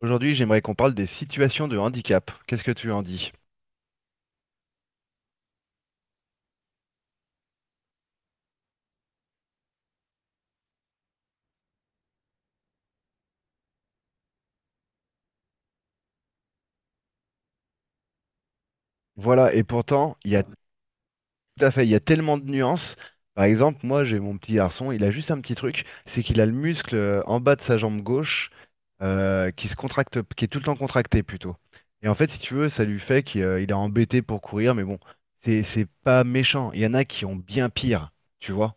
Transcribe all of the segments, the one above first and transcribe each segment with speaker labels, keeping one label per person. Speaker 1: Aujourd'hui, j'aimerais qu'on parle des situations de handicap. Qu'est-ce que tu en dis? Voilà, et pourtant, il y a tout à fait, il y a tellement de nuances. Par exemple, moi, j'ai mon petit garçon, il a juste un petit truc, c'est qu'il a le muscle en bas de sa jambe gauche qui se contracte, qui est tout le temps contracté plutôt. Et en fait, si tu veux, ça lui fait qu'il il est embêté pour courir, mais bon, c'est pas méchant. Il y en a qui ont bien pire, tu vois.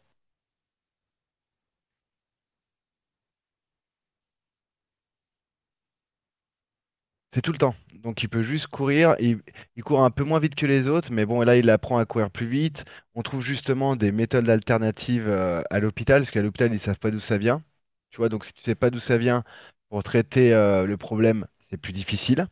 Speaker 1: C'est tout le temps. Donc il peut juste courir. Il court un peu moins vite que les autres, mais bon, là, il apprend à courir plus vite. On trouve justement des méthodes alternatives à l'hôpital, parce qu'à l'hôpital, ils savent pas d'où ça vient. Tu vois, donc si tu sais pas d'où ça vient, pour traiter le problème, c'est plus difficile.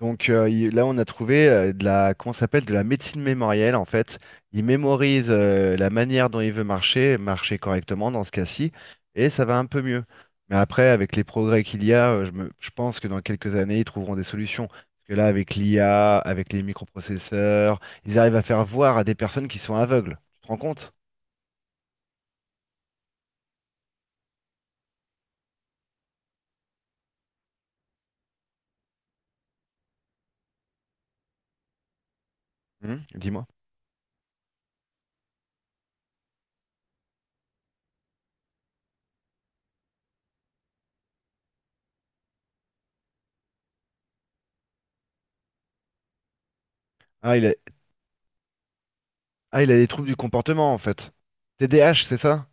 Speaker 1: Là, on a trouvé de la, comment ça s'appelle, de la médecine mémorielle en fait. Il mémorise la manière dont il veut marcher, marcher correctement dans ce cas-ci, et ça va un peu mieux. Mais après, avec les progrès qu'il y a, je pense que dans quelques années, ils trouveront des solutions. Parce que là, avec l'IA, avec les microprocesseurs, ils arrivent à faire voir à des personnes qui sont aveugles. Tu te rends compte? Hmm. Dis-moi. Ah, il a... ah, il a des troubles du comportement en fait. TDAH, c'est ça?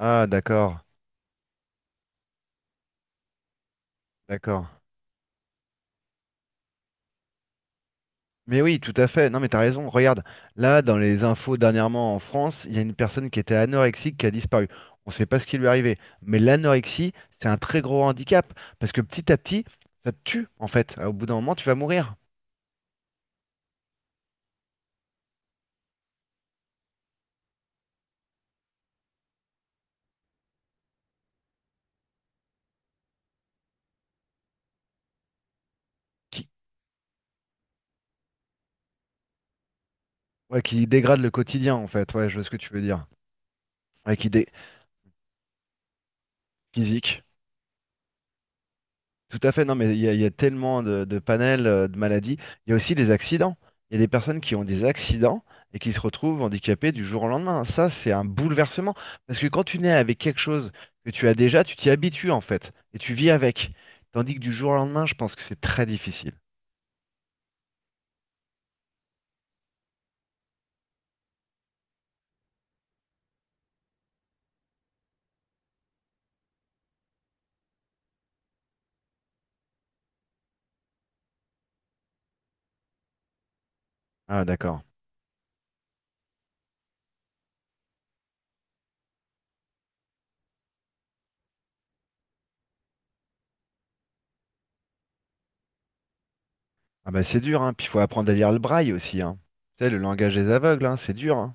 Speaker 1: Ah, d'accord, d'accord. Mais oui, tout à fait. Non, mais t'as raison. Regarde, là, dans les infos dernièrement en France, il y a une personne qui était anorexique qui a disparu. On ne sait pas ce qui lui est arrivé. Mais l'anorexie, c'est un très gros handicap. Parce que petit à petit, ça te tue, en fait. Au bout d'un moment, tu vas mourir. Qui, ouais, qui dégrade le quotidien, en fait. Ouais, je vois ce que tu veux dire. Ouais, qui dé... physique. Tout à fait, non, mais il y a tellement de panels de maladies. Il y a aussi les accidents. Il y a des personnes qui ont des accidents et qui se retrouvent handicapées du jour au lendemain. Ça, c'est un bouleversement. Parce que quand tu nais avec quelque chose que tu as déjà, tu t'y habitues en fait et tu vis avec. Tandis que du jour au lendemain, je pense que c'est très difficile. Ah, d'accord. Ah, bah, c'est dur, hein. Puis il faut apprendre à lire le braille aussi, hein. Tu sais, le langage des aveugles, hein, c'est dur, hein.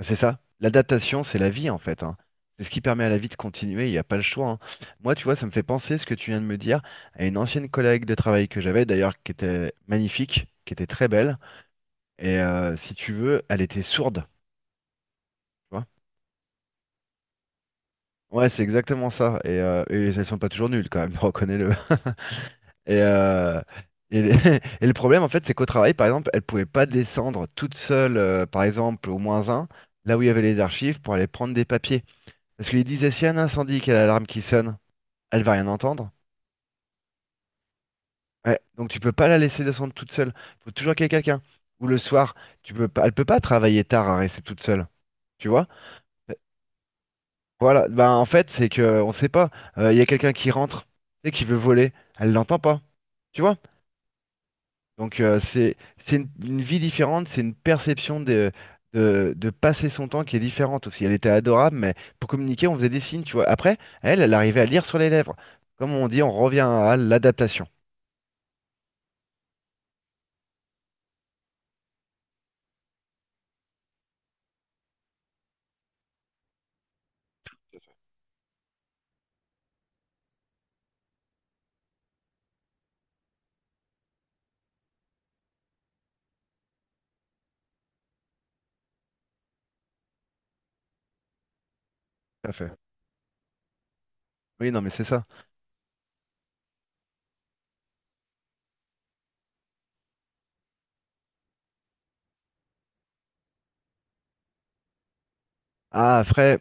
Speaker 1: C'est ça. L'adaptation, c'est la vie en fait, hein. C'est ce qui permet à la vie de continuer, il n'y a pas le choix, hein. Moi, tu vois, ça me fait penser ce que tu viens de me dire à une ancienne collègue de travail que j'avais d'ailleurs, qui était magnifique, qui était très belle. Et si tu veux, elle était sourde, tu vois. Ouais, c'est exactement ça. Et elles sont pas toujours nulles quand même, reconnais-le. Et, euh, et, le et le problème, en fait, c'est qu'au travail, par exemple, elle pouvait pas descendre toute seule, par exemple, au moins un, là où il y avait les archives, pour aller prendre des papiers. Parce qu'il disait, si un incendie, qu'il y a l'alarme qui sonne, elle va rien entendre. Ouais, donc tu peux pas la laisser descendre toute seule. Il faut toujours qu'il y ait quelqu'un. Ou le soir, tu peux pas, elle peut pas travailler tard à rester toute seule. Tu vois? Euh, Voilà. Ben, en fait, c'est que on sait pas. Il y a quelqu'un qui rentre et qui veut voler. Elle l'entend pas. Tu vois? Donc euh, c'est c'est une vie différente. C'est une perception de, de passer son temps qui est différente aussi. Elle était adorable, mais pour communiquer, on faisait des signes. Tu vois? Après, elle, elle arrivait à lire sur les lèvres. Comme on dit, on revient à l'adaptation. Tout à fait. Oui, non, mais c'est ça. Ah, après,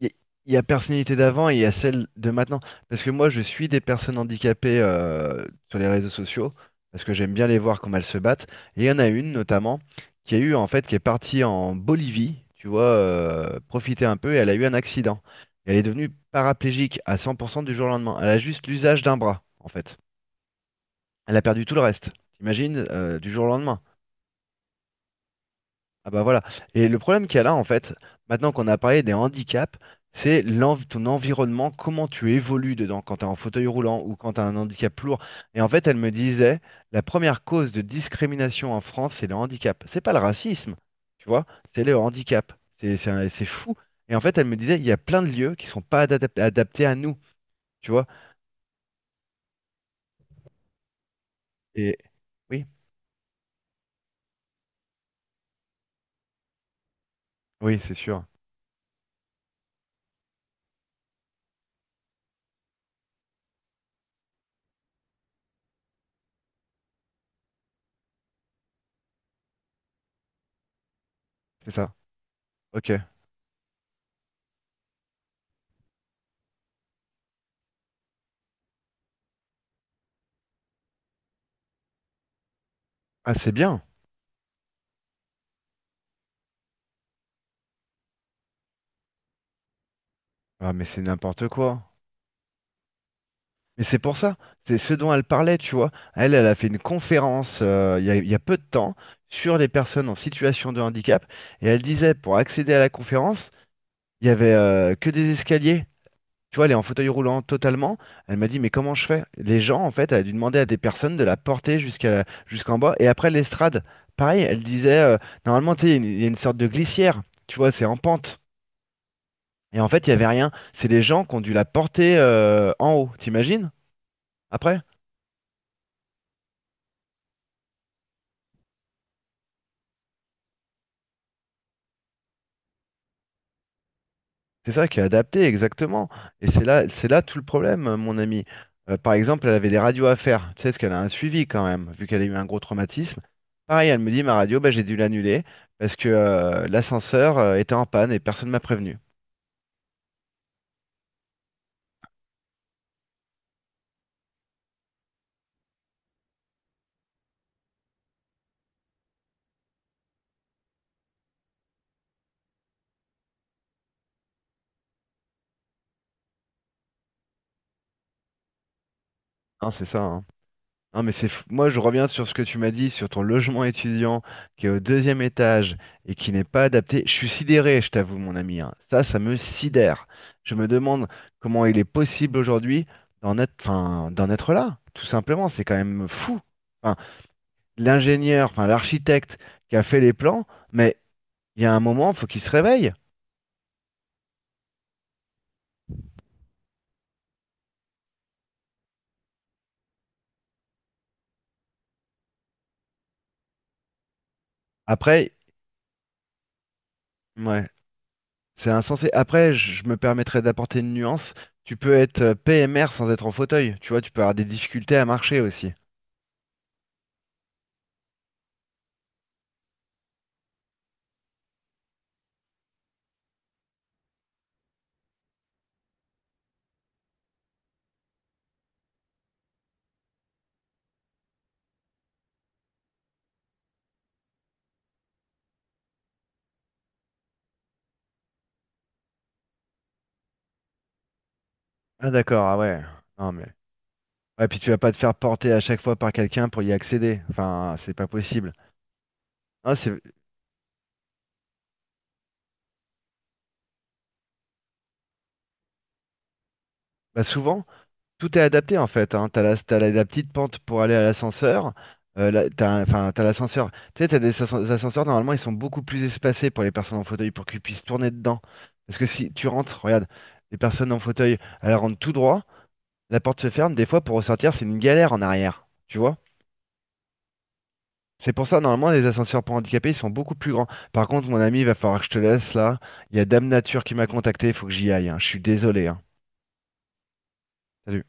Speaker 1: il y, y a personnalité d'avant et il y a celle de maintenant. Parce que moi, je suis des personnes handicapées sur les réseaux sociaux, parce que j'aime bien les voir comment elles se battent. Et il y en a une, notamment, qui a eu, en fait, qui est partie en Bolivie, tu vois, profiter un peu, et elle a eu un accident. Et elle est devenue paraplégique à 100% du jour au lendemain. Elle a juste l'usage d'un bras, en fait. Elle a perdu tout le reste. T'imagines, du jour au lendemain. Ah bah voilà. Et le problème qu'il y a là, en fait, maintenant qu'on a parlé des handicaps, c'est ton environnement, comment tu évolues dedans quand tu es en fauteuil roulant ou quand tu as un handicap lourd. Et en fait, elle me disait, la première cause de discrimination en France, c'est le handicap. C'est pas le racisme, tu vois, c'est le handicap. C'est fou. Et en fait, elle me disait, il y a plein de lieux qui sont pas adap- adaptés à nous, tu vois. Et oui, oui, c'est sûr. C'est ça. Ok. Ah, c'est bien. Ah, mais c'est n'importe quoi. Mais c'est pour ça, c'est ce dont elle parlait, tu vois. Elle, elle a fait une conférence il y a peu de temps sur les personnes en situation de handicap. Et elle disait, pour accéder à la conférence, il y avait que des escaliers. Tu vois, elle est en fauteuil roulant totalement. Elle m'a dit, mais comment je fais? Les gens, en fait, elle a dû demander à des personnes de la porter jusqu'à, jusqu'en bas. Et après l'estrade, pareil, elle disait, normalement, tu sais, il y a une sorte de glissière. Tu vois, c'est en pente. Et en fait, il n'y avait rien. C'est les gens qui ont dû la porter en haut, t'imagines? Après? C'est ça qui est adapté, exactement. Et c'est là tout le problème, mon ami. Par exemple, elle avait des radios à faire. Tu sais, parce qu'elle a un suivi quand même, vu qu'elle a eu un gros traumatisme. Pareil, elle me dit, ma radio, bah, j'ai dû l'annuler parce que l'ascenseur était en panne et personne ne m'a prévenu. Hein, c'est ça, hein. Non mais c'est fou. Moi je reviens sur ce que tu m'as dit sur ton logement étudiant qui est au deuxième étage et qui n'est pas adapté. Je suis sidéré, je t'avoue mon ami, hein. Ça me sidère. Je me demande comment il est possible aujourd'hui d'en être, enfin, d'en être là. Tout simplement, c'est quand même fou. Enfin, l'architecte qui a fait les plans, mais il y a un moment, faut qu'il se réveille. Après, ouais, c'est insensé. Après, je me permettrai d'apporter une nuance. Tu peux être PMR sans être en fauteuil. Tu vois, tu peux avoir des difficultés à marcher aussi. Ah d'accord, ah ouais. Non mais. Ouais, puis tu vas pas te faire porter à chaque fois par quelqu'un pour y accéder. Enfin, c'est pas possible. Hein, c'est... Bah, souvent, tout est adapté en fait, hein. T'as la... la petite pente pour aller à l'ascenseur. T'as un- enfin, t'as l'ascenseur. Tu sais, t'as ascenseurs, normalement, ils sont beaucoup plus espacés pour les personnes en fauteuil pour qu'ils puissent tourner dedans. Parce que si tu rentres, regarde, les personnes en fauteuil, elles rentrent tout droit, la porte se ferme, des fois pour ressortir, c'est une galère en arrière. Tu vois? C'est pour ça, normalement, les ascenseurs pour handicapés, ils sont beaucoup plus grands. Par contre, mon ami, il va falloir que je te laisse là. Il y a Dame Nature qui m'a contacté, il faut que j'y aille, hein. Je suis désolé, hein. Salut.